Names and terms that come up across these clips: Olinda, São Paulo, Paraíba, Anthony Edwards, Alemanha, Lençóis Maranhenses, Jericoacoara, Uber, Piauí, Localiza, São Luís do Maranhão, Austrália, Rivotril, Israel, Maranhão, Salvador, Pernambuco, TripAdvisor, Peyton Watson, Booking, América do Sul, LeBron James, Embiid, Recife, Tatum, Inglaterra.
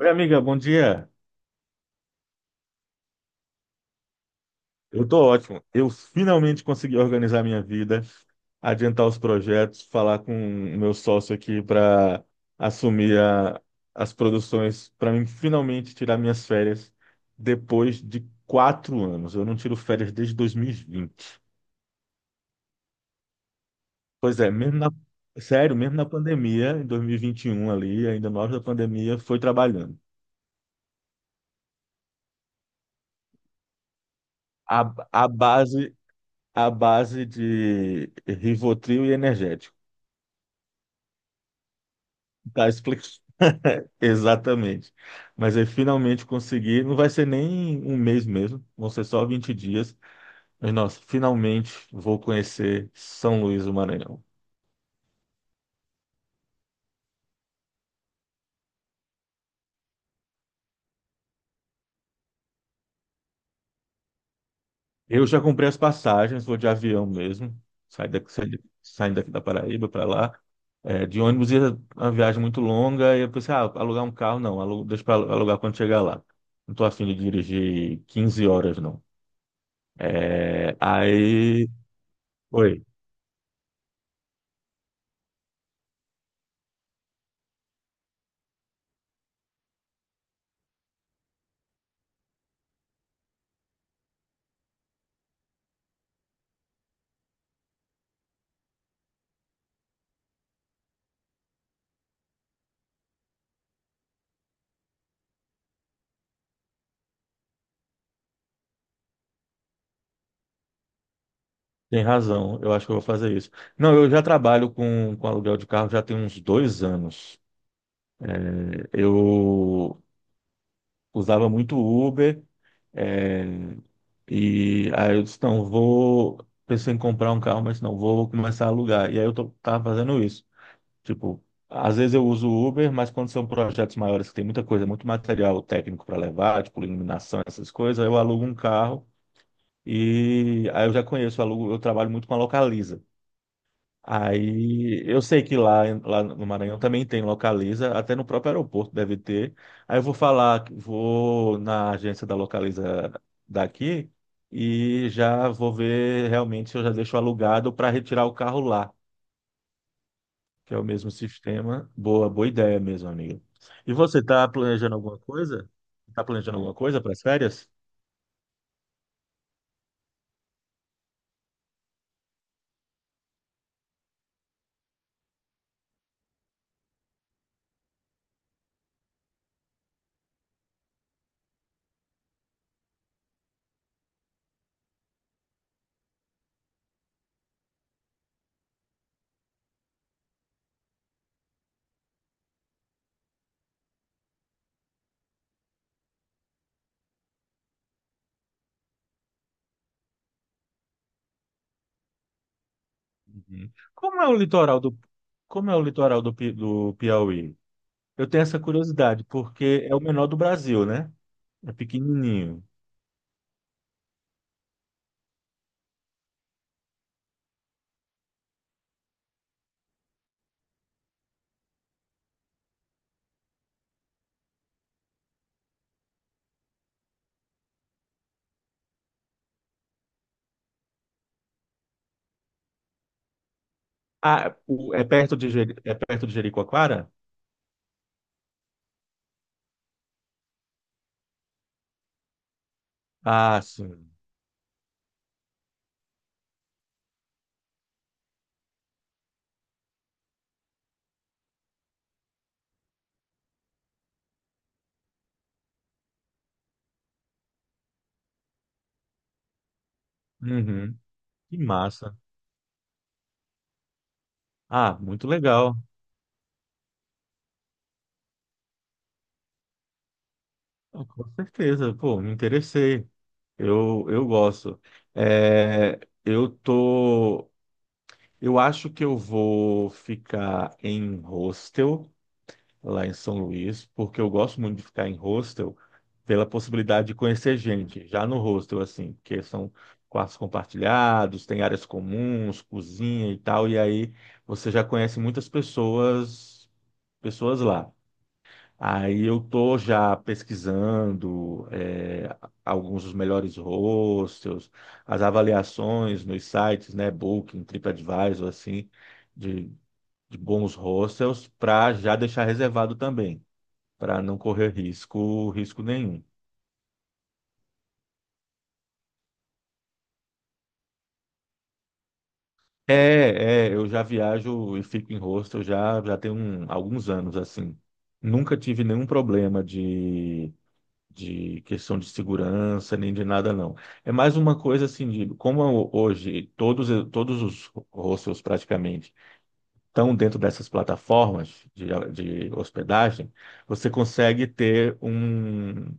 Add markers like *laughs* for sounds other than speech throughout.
Oi, amiga, bom dia. Eu tô ótimo. Eu finalmente consegui organizar minha vida, adiantar os projetos, falar com o meu sócio aqui para assumir as produções, para mim finalmente tirar minhas férias depois de 4 anos. Eu não tiro férias desde 2020. Pois é, sério, mesmo na pandemia, em 2021 ali, ainda no auge da pandemia, foi trabalhando. A, a base, a base de Rivotril e energético. Tá explicado. *laughs* Exatamente. Mas aí finalmente consegui. Não vai ser nem um mês mesmo, vão ser só 20 dias. Mas nossa, finalmente vou conhecer São Luís do Maranhão. Eu já comprei as passagens, vou de avião mesmo. Saio daqui, saindo daqui da Paraíba para lá. É, de ônibus ia uma viagem muito longa. E eu pensei, ah, alugar um carro? Não, deixa para alugar quando chegar lá. Não tô afim de dirigir 15 horas, não. É, aí. Oi. Tem razão, eu acho que eu vou fazer isso. Não, eu já trabalho com aluguel de carro já tem uns 2 anos. É, eu usava muito Uber, é, e aí eu disse, não, vou, pensei em comprar um carro, mas não, vou começar a alugar. E aí tava fazendo isso. Tipo, às vezes eu uso o Uber, mas quando são projetos maiores que tem muita coisa, muito material técnico para levar, tipo iluminação, essas coisas, eu alugo um carro e aí eu já conheço, eu alugo, eu trabalho muito com a Localiza. Aí eu sei que lá no Maranhão também tem Localiza, até no próprio aeroporto deve ter. Aí eu vou falar, vou na agência da Localiza daqui e já vou ver realmente se eu já deixo alugado para retirar o carro lá, que é o mesmo sistema. Boa, boa ideia mesmo, amigo. E você está planejando alguma coisa? Está planejando alguma coisa para as férias? Uhum. Como é como é o litoral do, do Piauí? Eu tenho essa curiosidade, porque é o menor do Brasil, né? É pequenininho. Ah, é perto de, é perto de Jericoacoara? Ah, sim. Uhum. Que massa. Ah, muito legal. Ah, com certeza, pô, me interessei. Eu gosto. É, eu tô, eu acho que eu vou ficar em hostel. Lá em São Luís, porque eu gosto muito de ficar em hostel pela possibilidade de conhecer gente, já no hostel, assim, porque são quartos compartilhados, tem áreas comuns, cozinha e tal, e aí você já conhece muitas pessoas, pessoas lá. Aí eu tô já pesquisando é, alguns dos melhores hostels, as avaliações nos sites, né, Booking, TripAdvisor, assim, de, de bons hostels, para já deixar reservado também para não correr risco, risco nenhum. Eu já viajo e fico em hostel já, já tem alguns anos, assim. Nunca tive nenhum problema de questão de segurança, nem de nada, não. É mais uma coisa, assim, de como hoje todos os hostels praticamente estão dentro dessas plataformas de hospedagem, você consegue ter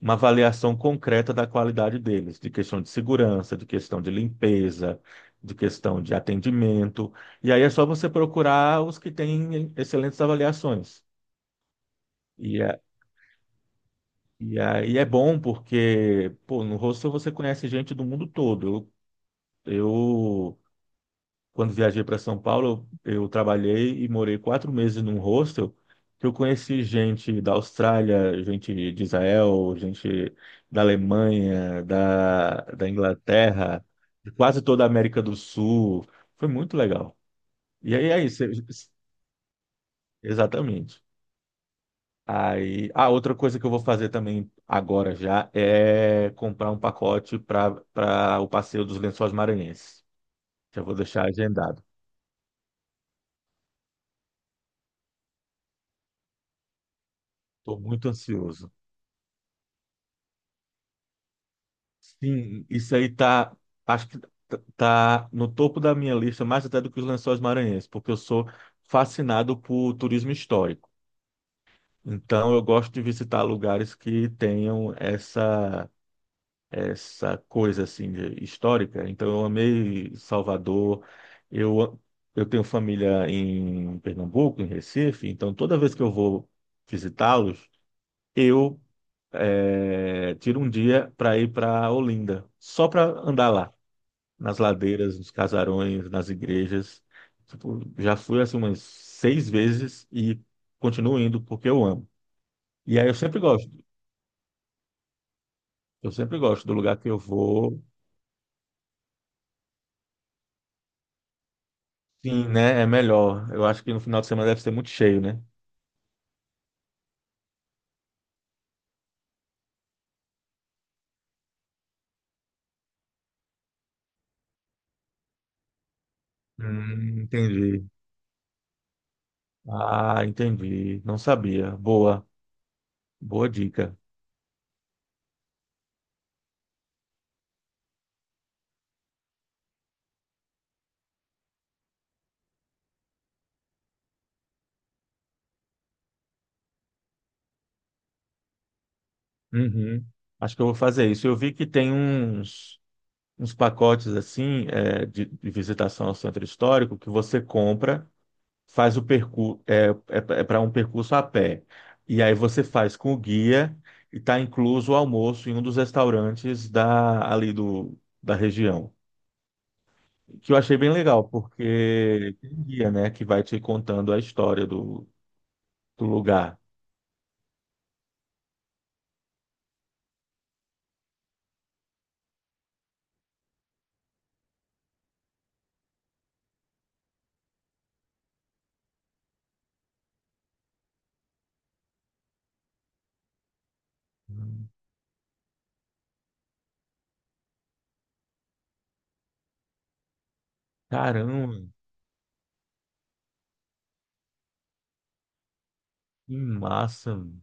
uma avaliação concreta da qualidade deles, de questão de segurança, de questão de limpeza, de questão de atendimento. E aí é só você procurar os que têm excelentes avaliações. E, é- e aí é bom porque, pô, no hostel você conhece gente do mundo todo. Eu quando viajei para São Paulo, eu trabalhei e morei 4 meses num hostel que eu conheci gente da Austrália, gente de Israel, gente da Alemanha, da Inglaterra, de quase toda a América do Sul. Foi muito legal. E aí é isso, exatamente. Aí, a outra coisa que eu vou fazer também agora já é comprar um pacote para o passeio dos Lençóis Maranhenses. Já vou deixar agendado. Estou muito ansioso. Sim, isso aí tá, acho que tá no topo da minha lista, mais até do que os Lençóis Maranhenses, porque eu sou fascinado por turismo histórico. Então eu gosto de visitar lugares que tenham essa coisa assim histórica. Então eu amei Salvador. Eu eu tenho família em Pernambuco, em Recife, então toda vez que eu vou visitá-los, eu tiro um dia para ir para Olinda, só para andar lá nas ladeiras, nos casarões, nas igrejas. Tipo, já fui assim umas seis vezes e continuo indo porque eu amo. E aí eu sempre gosto do lugar que eu vou. Sim, né? É melhor. Eu acho que no final de semana deve ser muito cheio, né? Entendi. Ah, entendi. Não sabia. Boa, boa dica. Uhum. Acho que eu vou fazer isso. Eu vi que tem uns, uns pacotes assim, é, de visitação ao centro histórico que você compra. Faz o percurso é, é para um percurso a pé. E aí você faz com o guia e está incluso o almoço em um dos restaurantes da ali do da região. Que eu achei bem legal, porque tem um guia, né, que vai te contando a história do, do lugar. Hum, Caramba, que massa, mano.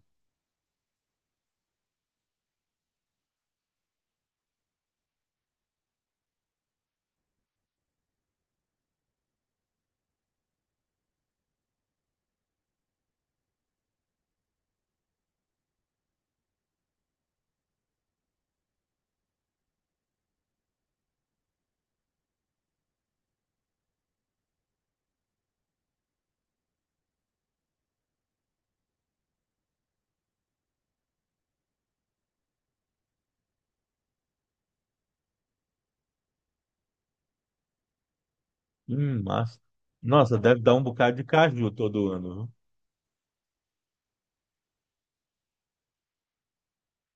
Que massa. Nossa, deve dar um bocado de caju todo ano. Viu?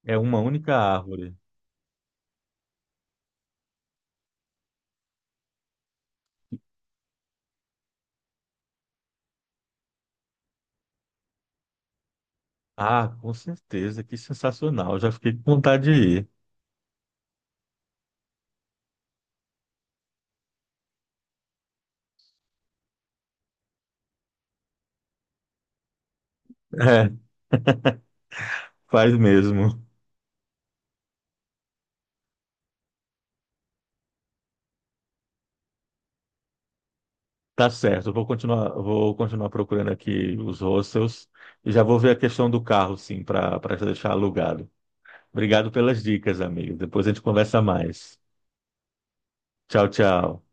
É uma única árvore. Ah, com certeza, que sensacional. Já fiquei com vontade de ir. *laughs* Faz mesmo. Tá certo. Eu vou continuar, vou continuar procurando aqui os hostels e já vou ver a questão do carro, sim, para deixar alugado. Obrigado pelas dicas, amigo. Depois a gente conversa mais. Tchau, tchau.